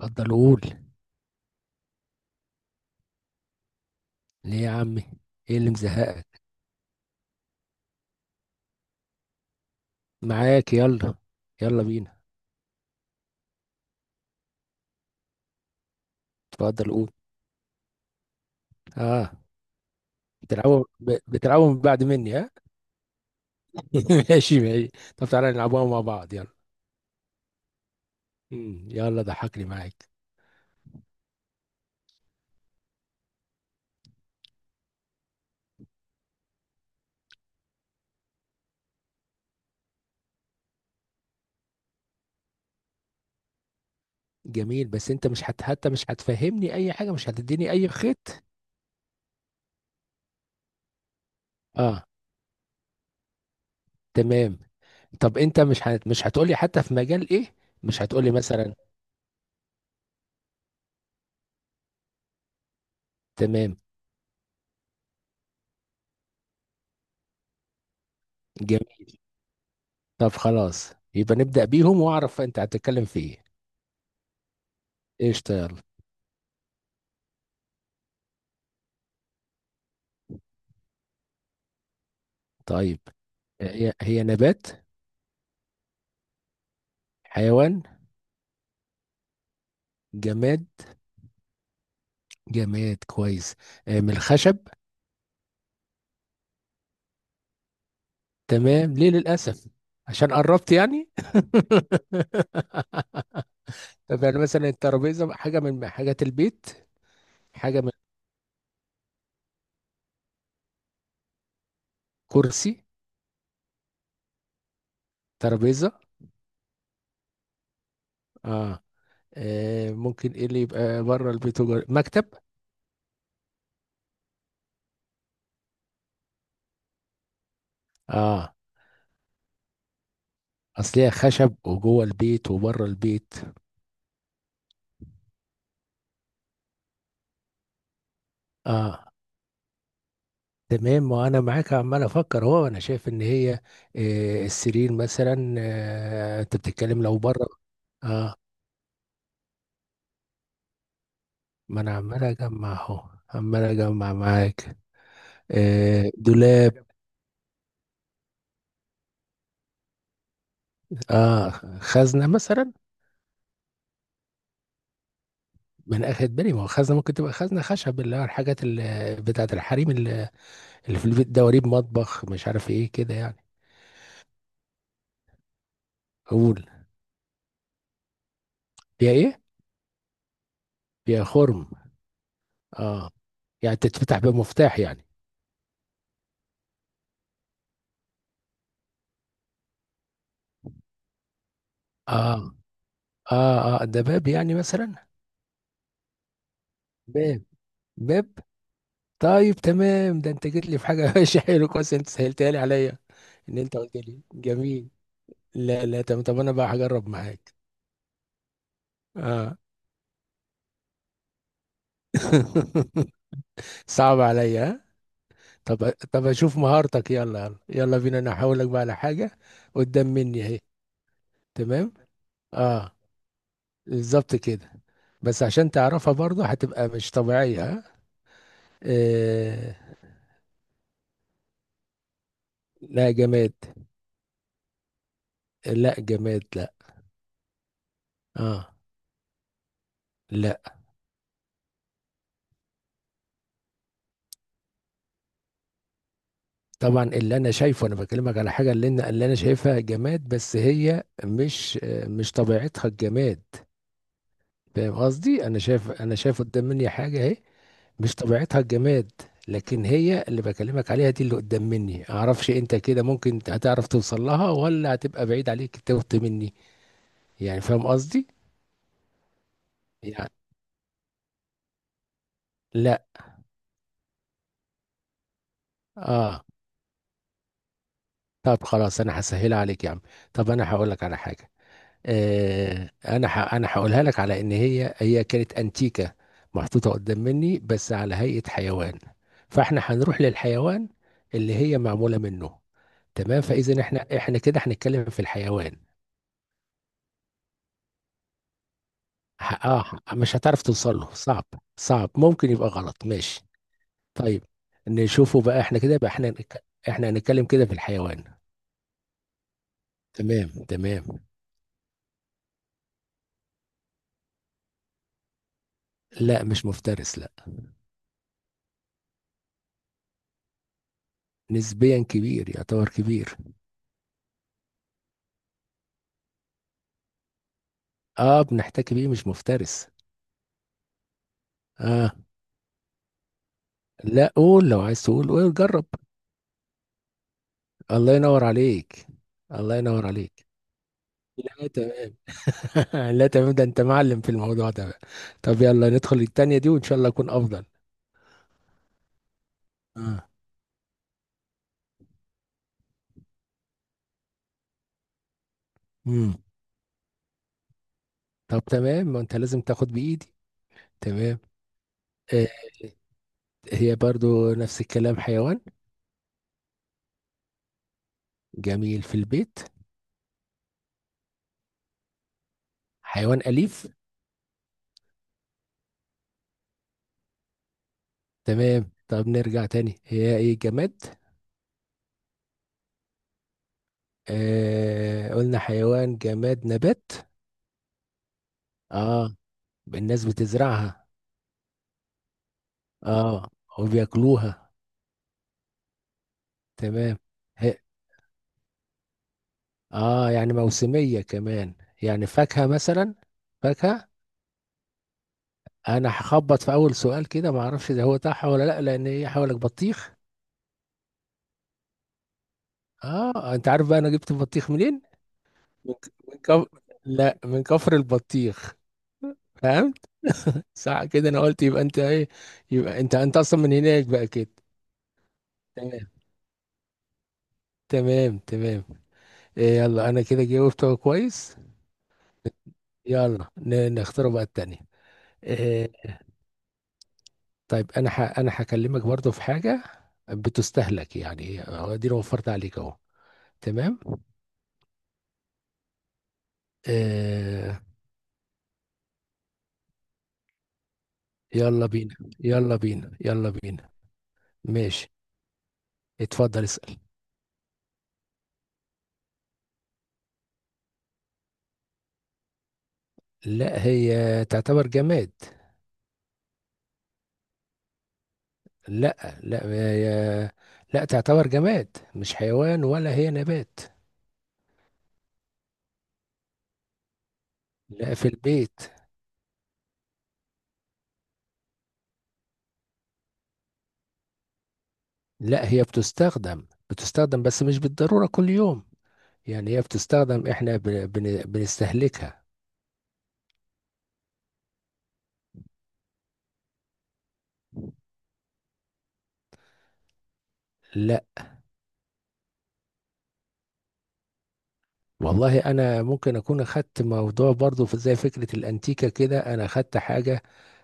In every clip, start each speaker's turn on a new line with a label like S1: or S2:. S1: اتفضل قول. ليه يا عمي؟ ايه اللي مزهقك؟ معاك، يلا. يلا بينا. اتفضل قول. اه، بتلعبوا من بعد مني، ها؟ ماشي ماشي. طب تعالى نلعبوها مع بعض، يلا. يلا ضحكني معاك. جميل، بس انت مش هت... حتى مش هتفهمني اي حاجه، مش هتديني اي خيط. اه، تمام. طب انت مش هتقولي حتى في مجال ايه؟ مش هتقولي مثلا. تمام. جميل. طب خلاص يبقى نبدأ بيهم واعرف انت هتتكلم في ايه. قشطة. طيب، هي نبات؟ حيوان؟ جماد؟ جماد، كويس. من الخشب. تمام، ليه للأسف؟ عشان قربت يعني. طب يعني مثلا الترابيزة حاجة من حاجات البيت. حاجة من كرسي؟ ترابيزة؟ اه. آه، ممكن ايه اللي يبقى بره البيت وجوه؟ مكتب؟ اه، اصل هي خشب وجوه البيت وبره البيت. اه، تمام. ما انا معاك عمال افكر اهو. انا شايف ان هي... السرير مثلا. انت بتتكلم لو بره؟ اه. ما انا عمال اجمع اهو، عمال اجمع معاك. دولاب؟ اه، خزنه مثلا. ما انا اخد بالي، ما هو خزنه ممكن تبقى خزنه خشب، اللي هو الحاجات اللي بتاعت الحريم اللي اللي في البيت، دواريب مطبخ، مش عارف ايه كده يعني. قول. فيها ايه؟ فيها خرم. اه. يعني تتفتح بمفتاح يعني؟ اه، اه، اه، ده باب يعني مثلا. باب. باب. طيب تمام، ده انت جيت لي في حاجه. ماشي، حلو كويس، انت سهلتها لي عليا ان انت قلت لي جميل. لا لا، تمام. طب انا بقى هجرب معاك. اه. صعب عليا، ها؟ طب طب اشوف مهارتك، يلا يلا، يلا بينا. انا هقول لك بقى على حاجه قدام مني اهي. تمام. اه، بالظبط كده. بس عشان تعرفها برضه هتبقى مش طبيعيه، ها. آه. لا جماد، لا. جماد. لا. اه. لا، طبعا اللي انا شايفه انا بكلمك على حاجه، اللي انا اللي انا شايفها جماد بس هي مش... مش طبيعتها الجماد. فاهم قصدي؟ انا شايف قدام مني حاجه اهي مش طبيعتها الجماد. لكن هي اللي بكلمك عليها دي، اللي قدام مني، اعرفش انت كده ممكن هتعرف توصل لها ولا هتبقى بعيد عليك توت مني، يعني. فاهم قصدي؟ يعني. لا. اه. طب خلاص انا هسهلها عليك يا عم. طب انا هقول لك على حاجه. انا هقولها لك على ان هي كانت انتيكه، محطوطه قدام مني بس على هيئه حيوان. فاحنا هنروح للحيوان اللي هي معموله منه. تمام، فاذا احنا كده هنتكلم في الحيوان. اه. مش هتعرف توصل له، صعب. صعب ممكن يبقى غلط، ماشي. طيب نشوفه بقى. احنا كده بقى احنا نك- احنا هنتكلم كده في الحيوان. تمام، تمام. لا، مش مفترس، لا. نسبيا كبير، يعتبر كبير. اه بنحتكي بيه، مش مفترس. اه. لا، قول لو عايز تقول، قول جرب. الله ينور عليك. الله ينور عليك. لا تمام. لا تمام، ده انت معلم في الموضوع ده بقى. طب يلا ندخل التانية دي وان شاء الله اكون افضل. اه. امم. طب تمام، ما انت لازم تاخد بايدي. تمام. آه. هي برضو نفس الكلام، حيوان. جميل في البيت. حيوان أليف. تمام، طب نرجع تاني، هي ايه؟ جماد؟ آه قلنا حيوان، جماد، نبات. اه. الناس بتزرعها. اه، وبياكلوها. تمام. هي. اه يعني موسمية كمان. يعني فاكهة مثلا. فاكهة. انا هخبط في اول سؤال كده، ما اعرفش ده هو صح ولا لا، لان هي حوالك بطيخ. اه انت عارف بقى انا جبت البطيخ منين؟ من ك- من كف... لا، من كفر البطيخ. فهمت؟ صح كده، انا قلت يبقى انت ايه، يبقى انت اصلا من هناك بقى كده. تمام. تمام تمام. إيه، يلا انا كده جاوبت كويس. يلا نختار بقى التانية. إيه، طيب، انا هكلمك برضو في حاجه بتستهلك يعني، هو دي أنا وفرت عليك اهو. تمام. آه. يلا بينا يلا بينا يلا بينا. ماشي. اتفضل اسأل. لا هي تعتبر جماد. لا لا هي... لا تعتبر جماد، مش حيوان ولا هي نبات. لا، في البيت. لا، هي بتستخدم بس مش بالضرورة كل يوم. يعني هي بتستخدم، احنا بنستهلكها. لا. والله انا ممكن اكون اخدت موضوع برضو زي فكره الانتيكه كده، انا اخدت حاجه.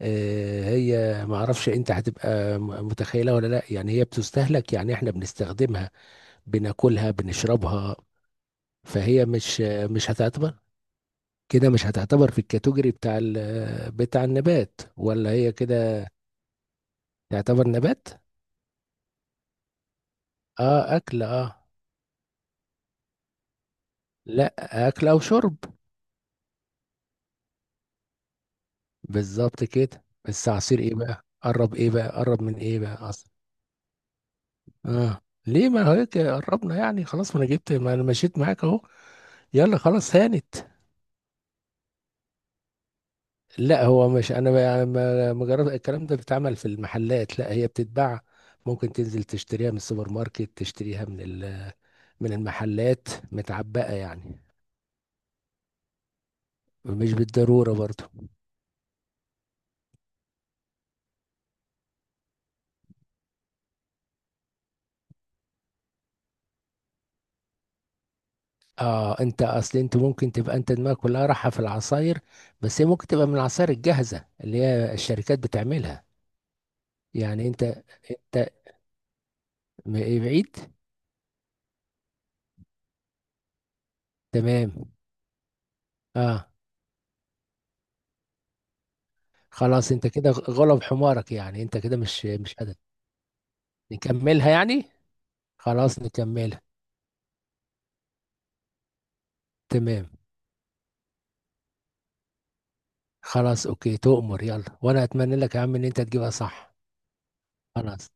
S1: هي ما اعرفش انت هتبقى متخيلها ولا لا. يعني هي بتستهلك، يعني احنا بنستخدمها، بناكلها، بنشربها. فهي مش... مش هتعتبر كده، مش هتعتبر في الكاتيجوري بتاع بتاع النبات، ولا هي كده. تعتبر نبات. اه، اكل، اه. لا، اكل او شرب. بالظبط كده. بس عصير ايه بقى؟ قرب ايه بقى؟ قرب من ايه بقى اصلا. اه. ليه؟ ما هو هيك قربنا يعني خلاص. ما انا جبت، ما انا مشيت معاك اهو. يلا خلاص، هانت. لا هو مش ما يعني ما جرب الكلام ده بيتعمل في المحلات. لا هي بتتباع، ممكن تنزل تشتريها من السوبر ماركت، تشتريها من من المحلات متعبئة يعني. مش بالضرورة برضو. اه، انت اصل انت ممكن تبقى انت دماغك كلها رايحة في العصاير، بس هي ممكن تبقى من العصاير الجاهزة اللي هي الشركات بتعملها. يعني انت م- إيه، بعيد. تمام. اه. خلاص، انت كده غلب حمارك، يعني انت كده مش قادر نكملها يعني. خلاص نكملها. تمام. خلاص، اوكي، تؤمر. يلا وانا اتمنى لك يا عم ان انت تجيبها صح. خلاص.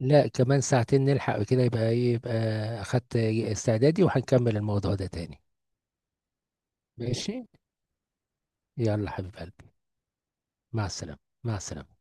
S1: لا، كمان ساعتين نلحق كده، يبقى ايه، يبقى اخدت استعدادي وهنكمل الموضوع ده تاني. ماشي. يلا حبيب قلبي. مع السلامة. مع السلامة.